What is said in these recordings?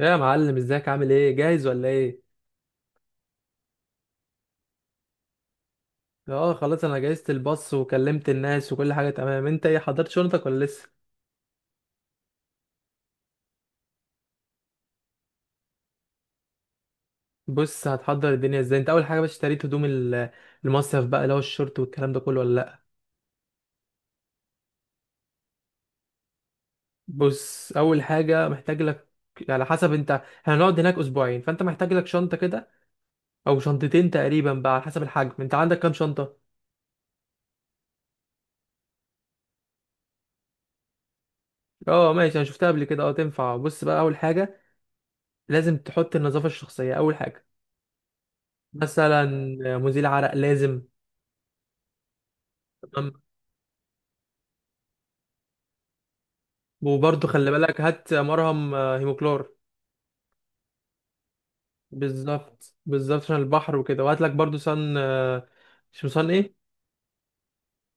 يا معلم ازيك عامل ايه؟ جاهز ولا ايه؟ اه خلاص، انا جهزت الباص وكلمت الناس وكل حاجه تمام. انت ايه، حضرت شنطتك ولا لسه؟ بص هتحضر الدنيا ازاي. انت اول حاجه، بس اشتريت هدوم المصيف بقى، اللي هو الشورت والكلام ده كله ولا لا؟ بص اول حاجه محتاج لك، على حسب، انت هنقعد هناك اسبوعين فانت محتاج لك شنطه كده او شنطتين تقريبا بقى على حسب الحجم. انت عندك كام شنطه؟ اه ماشي، انا شفتها قبل كده، اه تنفع. بص بقى، اول حاجه لازم تحط النظافه الشخصيه اول حاجه، مثلا مزيل عرق لازم. وبرضه خلي بالك هات مرهم هيموكلور. بالظبط بالظبط، عشان البحر وكده. وهات لك برضه صن مش صن ايه.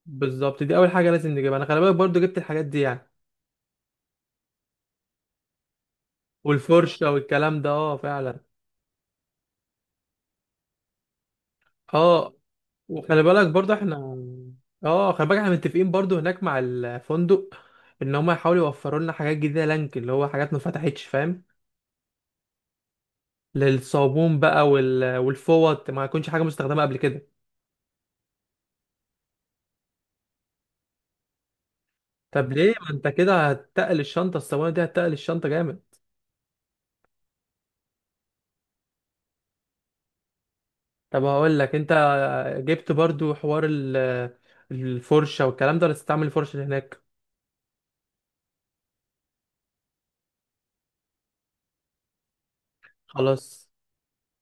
بالظبط، دي اول حاجه لازم نجيبها. انا خلي بالك برضه جبت الحاجات دي يعني والفرشه والكلام ده، اه فعلا. اه، وخلي بالك برضه احنا، اه خلي بالك احنا متفقين برضه هناك مع الفندق ان هم يحاولوا يوفروا لنا حاجات جديده، لانك اللي هو حاجات ما فتحتش، فاهم؟ للصابون بقى والفوط، ما يكونش حاجه مستخدمه قبل كده. طب ليه، ما انت كده هتتقل الشنطه، الصواني دي هتتقل الشنطه جامد. طب هقول لك انت، جبت برضو حوار الفرشه والكلام ده ولا تستعمل الفرشه اللي هناك؟ خلاص.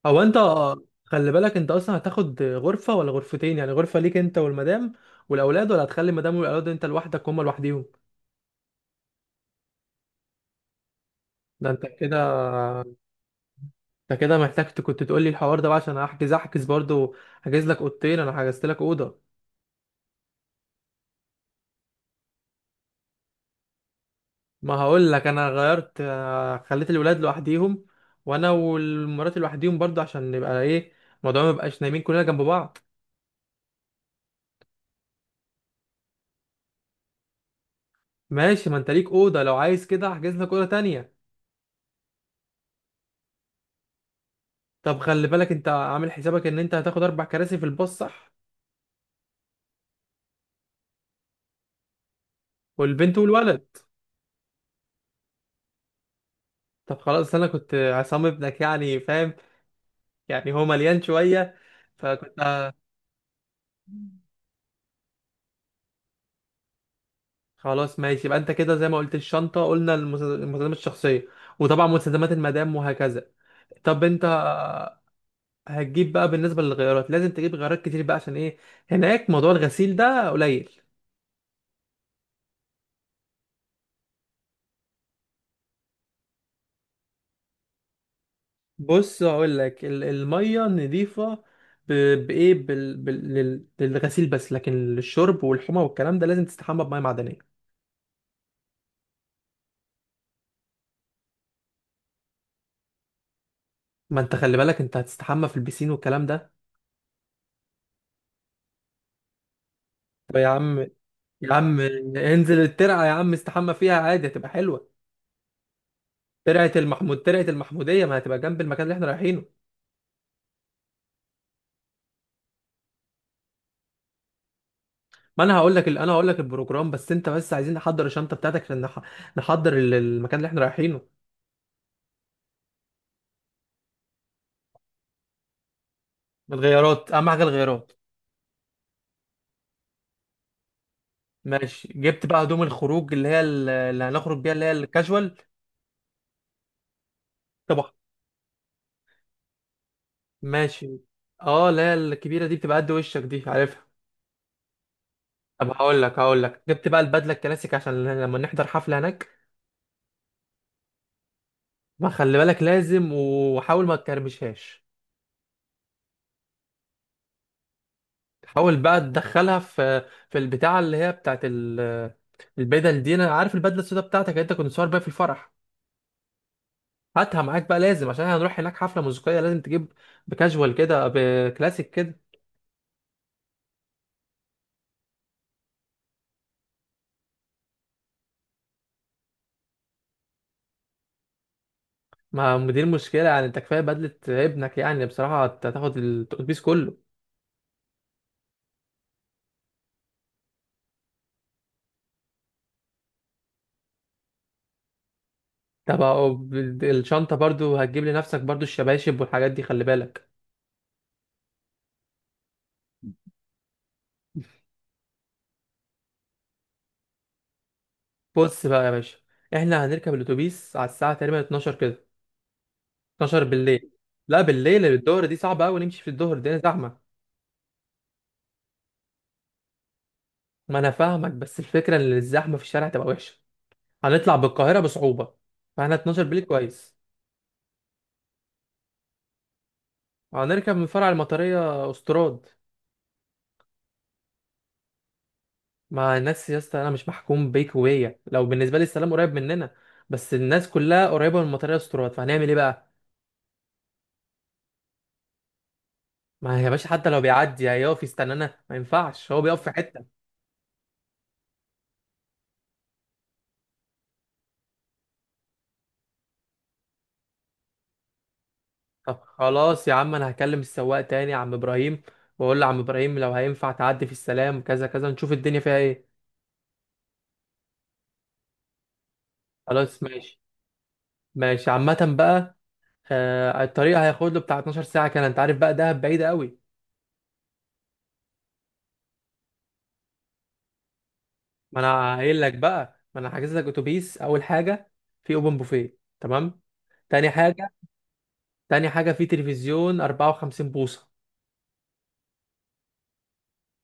هو انت خلي بالك انت اصلا هتاخد غرفه ولا غرفتين؟ يعني غرفه ليك انت والمدام والاولاد، ولا هتخلي المدام والاولاد انت لوحدك هما لوحديهم؟ ده انت كده، انت كده محتاج كنت تقول لي الحوار ده بقى عشان احجز، احجز برضو. هحجز لك اوضتين، انا حجزت لك اوضه. ما هقول لك انا غيرت خليت الولاد لوحديهم وانا والمرات لوحديهم برضه، عشان نبقى ايه، الموضوع ما يبقاش نايمين كلنا جنب بعض. ماشي، ما انت ليك اوضه. لو عايز كده احجز لك اوضه تانية. طب خلي بالك انت عامل حسابك ان انت هتاخد اربع كراسي في الباص، صح؟ والبنت والولد. طب خلاص، انا كنت عصام ابنك يعني، فاهم؟ يعني هو مليان شويه فكنت خلاص ماشي. يبقى انت كده زي ما قلت الشنطه، قلنا المستلزمات الشخصيه وطبعا مستلزمات المدام وهكذا. طب انت هتجيب بقى بالنسبة للغيارات، لازم تجيب غيارات كتير بقى، عشان ايه، هناك موضوع الغسيل ده قليل. بص هقول لك، المية نضيفة، ب- بإيه بال... بال... لل- للغسيل بس، لكن للشرب والحمى والكلام ده لازم تستحمى بمية معدنية. ما انت خلي بالك انت هتستحمى في البسين والكلام ده. طب يا عم، يا عم، انزل الترعة يا عم، استحمى فيها عادي، هتبقى حلوة. ترعة ترعة المحمودية، ما هتبقى جنب المكان اللي احنا رايحينه. ما انا هقول لك ال- انا هقول لك البروجرام، بس انت، بس عايزين نحضر الشنطه بتاعتك عشان نحضر المكان اللي احنا رايحينه. الغيارات اهم حاجه، الغيارات. ماشي جبت بقى هدوم الخروج، اللي هنخرج بيها، اللي هي الكاجوال. طبعا. ماشي. اه اللي هي الكبيره دي، بتبقى قد وشك، دي عارفها. طب هقول لك هقول لك جبت بقى البدله الكلاسيك، عشان لما نحضر حفله هناك. ما خلي بالك لازم، وحاول ما تكرمشهاش. حاول بقى تدخلها في البتاعه اللي هي بتاعت البدل دي. انا عارف البدله السوداء بتاعتك اللي انت كنت صور بيها في الفرح، هاتها معاك بقى لازم، عشان هنروح هناك حفله موسيقيه لازم تجيب بكاجوال كده، بكلاسيك كده. ما دي المشكله يعني، انت كفايه بدله ابنك، يعني بصراحه هتاخد الاتوبيس كله. طب أهو، الشنطه برضو هتجيب لنفسك برضو الشباشب والحاجات دي، خلي بالك. بص بقى يا باشا، احنا هنركب الاتوبيس على الساعه تقريبا 12 كده، 12 بالليل. لا بالليل، الظهر دي صعبة قوي نمشي في الظهر دي، زحمة. ما انا فاهمك، بس الفكرة ان الزحمة في الشارع تبقى وحشة، هنطلع بالقاهرة بصعوبة، فاحنا 12 بالليل كويس. هنركب من فرع المطرية استراد. مع الناس يا اسطى، انا مش محكوم بيكوية، لو بالنسبة لي السلام قريب مننا بس الناس كلها قريبة من المطرية استراد، فهنعمل ايه بقى. ما يا باشا، حتى لو بيعدي هيقف يستنانا، ما ينفعش، هو بيقف في حتة. طب خلاص يا عم، انا هكلم السواق تاني يا عم ابراهيم، واقول له عم ابراهيم لو هينفع تعدي في السلام كذا كذا، نشوف الدنيا فيها ايه. خلاص ماشي. ماشي عامة بقى، آه الطريق هياخد له بتاع 12 ساعة كان، انت عارف بقى، دهب بعيدة قوي. ما انا قايل لك بقى، ما انا حاجز لك اتوبيس، اول حاجة في اوبن بوفيه، تمام. تاني حاجة، تاني حاجة، في تلفزيون 54 بوصة.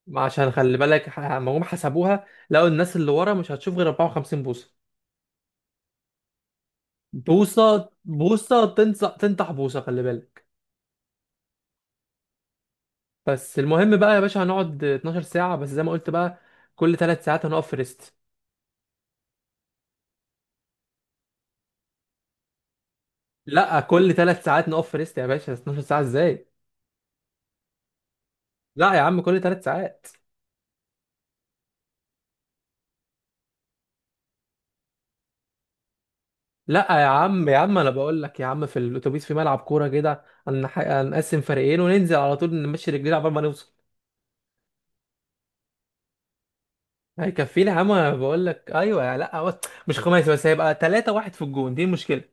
ما عشان خلي بالك، ما هم حسبوها لقوا الناس اللي ورا مش هتشوف غير 54 بوصة. بوصة بوصة تنصح تنطح بوصة، خلي بالك. بس المهم بقى يا باشا، هنقعد 12 ساعة بس زي ما قلت بقى، كل ثلاث ساعات هنقف في ريست. لا كل ثلاث ساعات نقف في ريست يا باشا، 12 ساعة ازاي؟ لا يا عم، كل ثلاث ساعات. لا يا عم انا بقول لك يا عم، في الاتوبيس في ملعب كورة كده، هنقسم فريقين وننزل على طول نمشي رجلينا عبال ما نوصل. هيكفينا يا عم، انا بقول لك ايوه. لا هو مش خماسي بس، هيبقى ثلاثة واحد في الجون، دي المشكلة.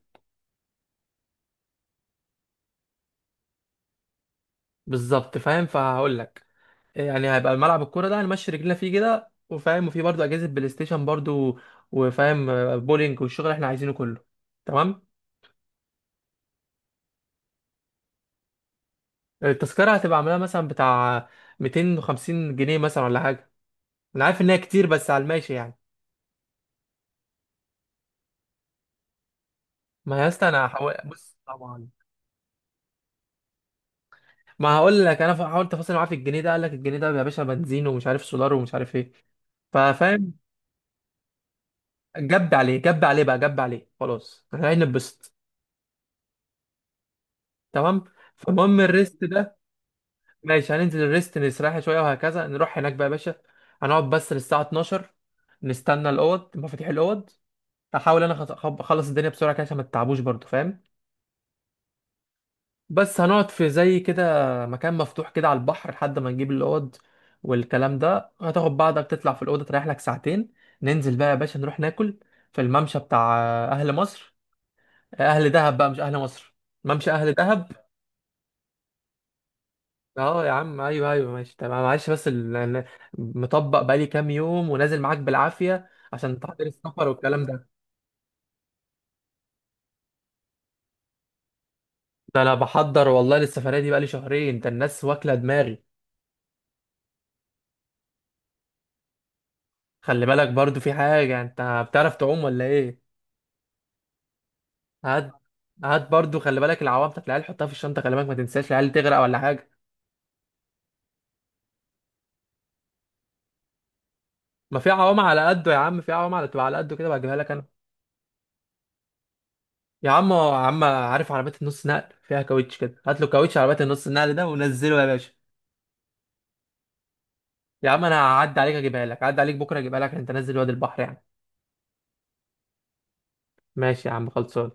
بالظبط، فاهم، فهقول لك، يعني هيبقى ملعب الكوره ده هنمشي رجلينا فيه كده، وفاهم، وفي برضه اجهزه بلاي ستيشن برضه، وفاهم بولينج والشغل اللي احنا عايزينه كله، تمام. التذكره هتبقى عاملاها مثلا بتاع 250 جنيه مثلا، ولا حاجه. انا عارف ان هي كتير بس على الماشي يعني. ما يا اسطى، انا هحاول، بص طبعا. ما هقول لك انا حاولت افاصل معاه في الجنيه ده، قال لك الجنيه ده يا باشا بنزين، ومش عارف سولار، ومش عارف ايه، ففاهم. جب عليه، جب عليه بقى، جب عليه، خلاص احنا هنتبسط، تمام. فالمهم الريست ده، ماشي هننزل الريست نستريح شويه وهكذا، نروح هناك بقى يا باشا، هنقعد بس للساعه 12، نستنى الاوض، مفاتيح الاوض. هحاول انا اخلص الدنيا بسرعه كده، عشان ما تتعبوش برضو، فاهم. بس هنقعد في زي كده مكان مفتوح كده على البحر، لحد ما نجيب الاوض والكلام ده. هتاخد بعضك تطلع في الاوضه تريح لك ساعتين، ننزل بقى يا باشا نروح ناكل في الممشى بتاع اهل مصر، اهل دهب بقى مش اهل مصر، ممشى اهل دهب. اه يا عم ايوه ماشي تمام، معلش بس مطبق بقالي كام يوم ونازل معاك بالعافيه، عشان تحضير السفر والكلام ده. ده انا بحضر والله للسفريه دي بقالي شهرين، انت الناس واكله دماغي. خلي بالك برضو، في حاجه، انت بتعرف تعوم ولا ايه؟ هات هات برضو، خلي بالك العوام بتاعت العيال حطها في الشنطه، خلي بالك ما تنساش العيال تغرق ولا حاجه. ما في عوام على قده يا عم، في عوام على تبقى على قده كده، بجيبها لك انا. يا عم عارف عربيه النص نقل فيها كاوتش كده، هات له كاوتش عربيه النص النقل ده ونزله يا باشا. يا عم انا هعدي عليك اجيبها لك، هعدي عليك بكره اجيبها لك، انت نازل وادي البحر يعني. ماشي يا عم خلصان.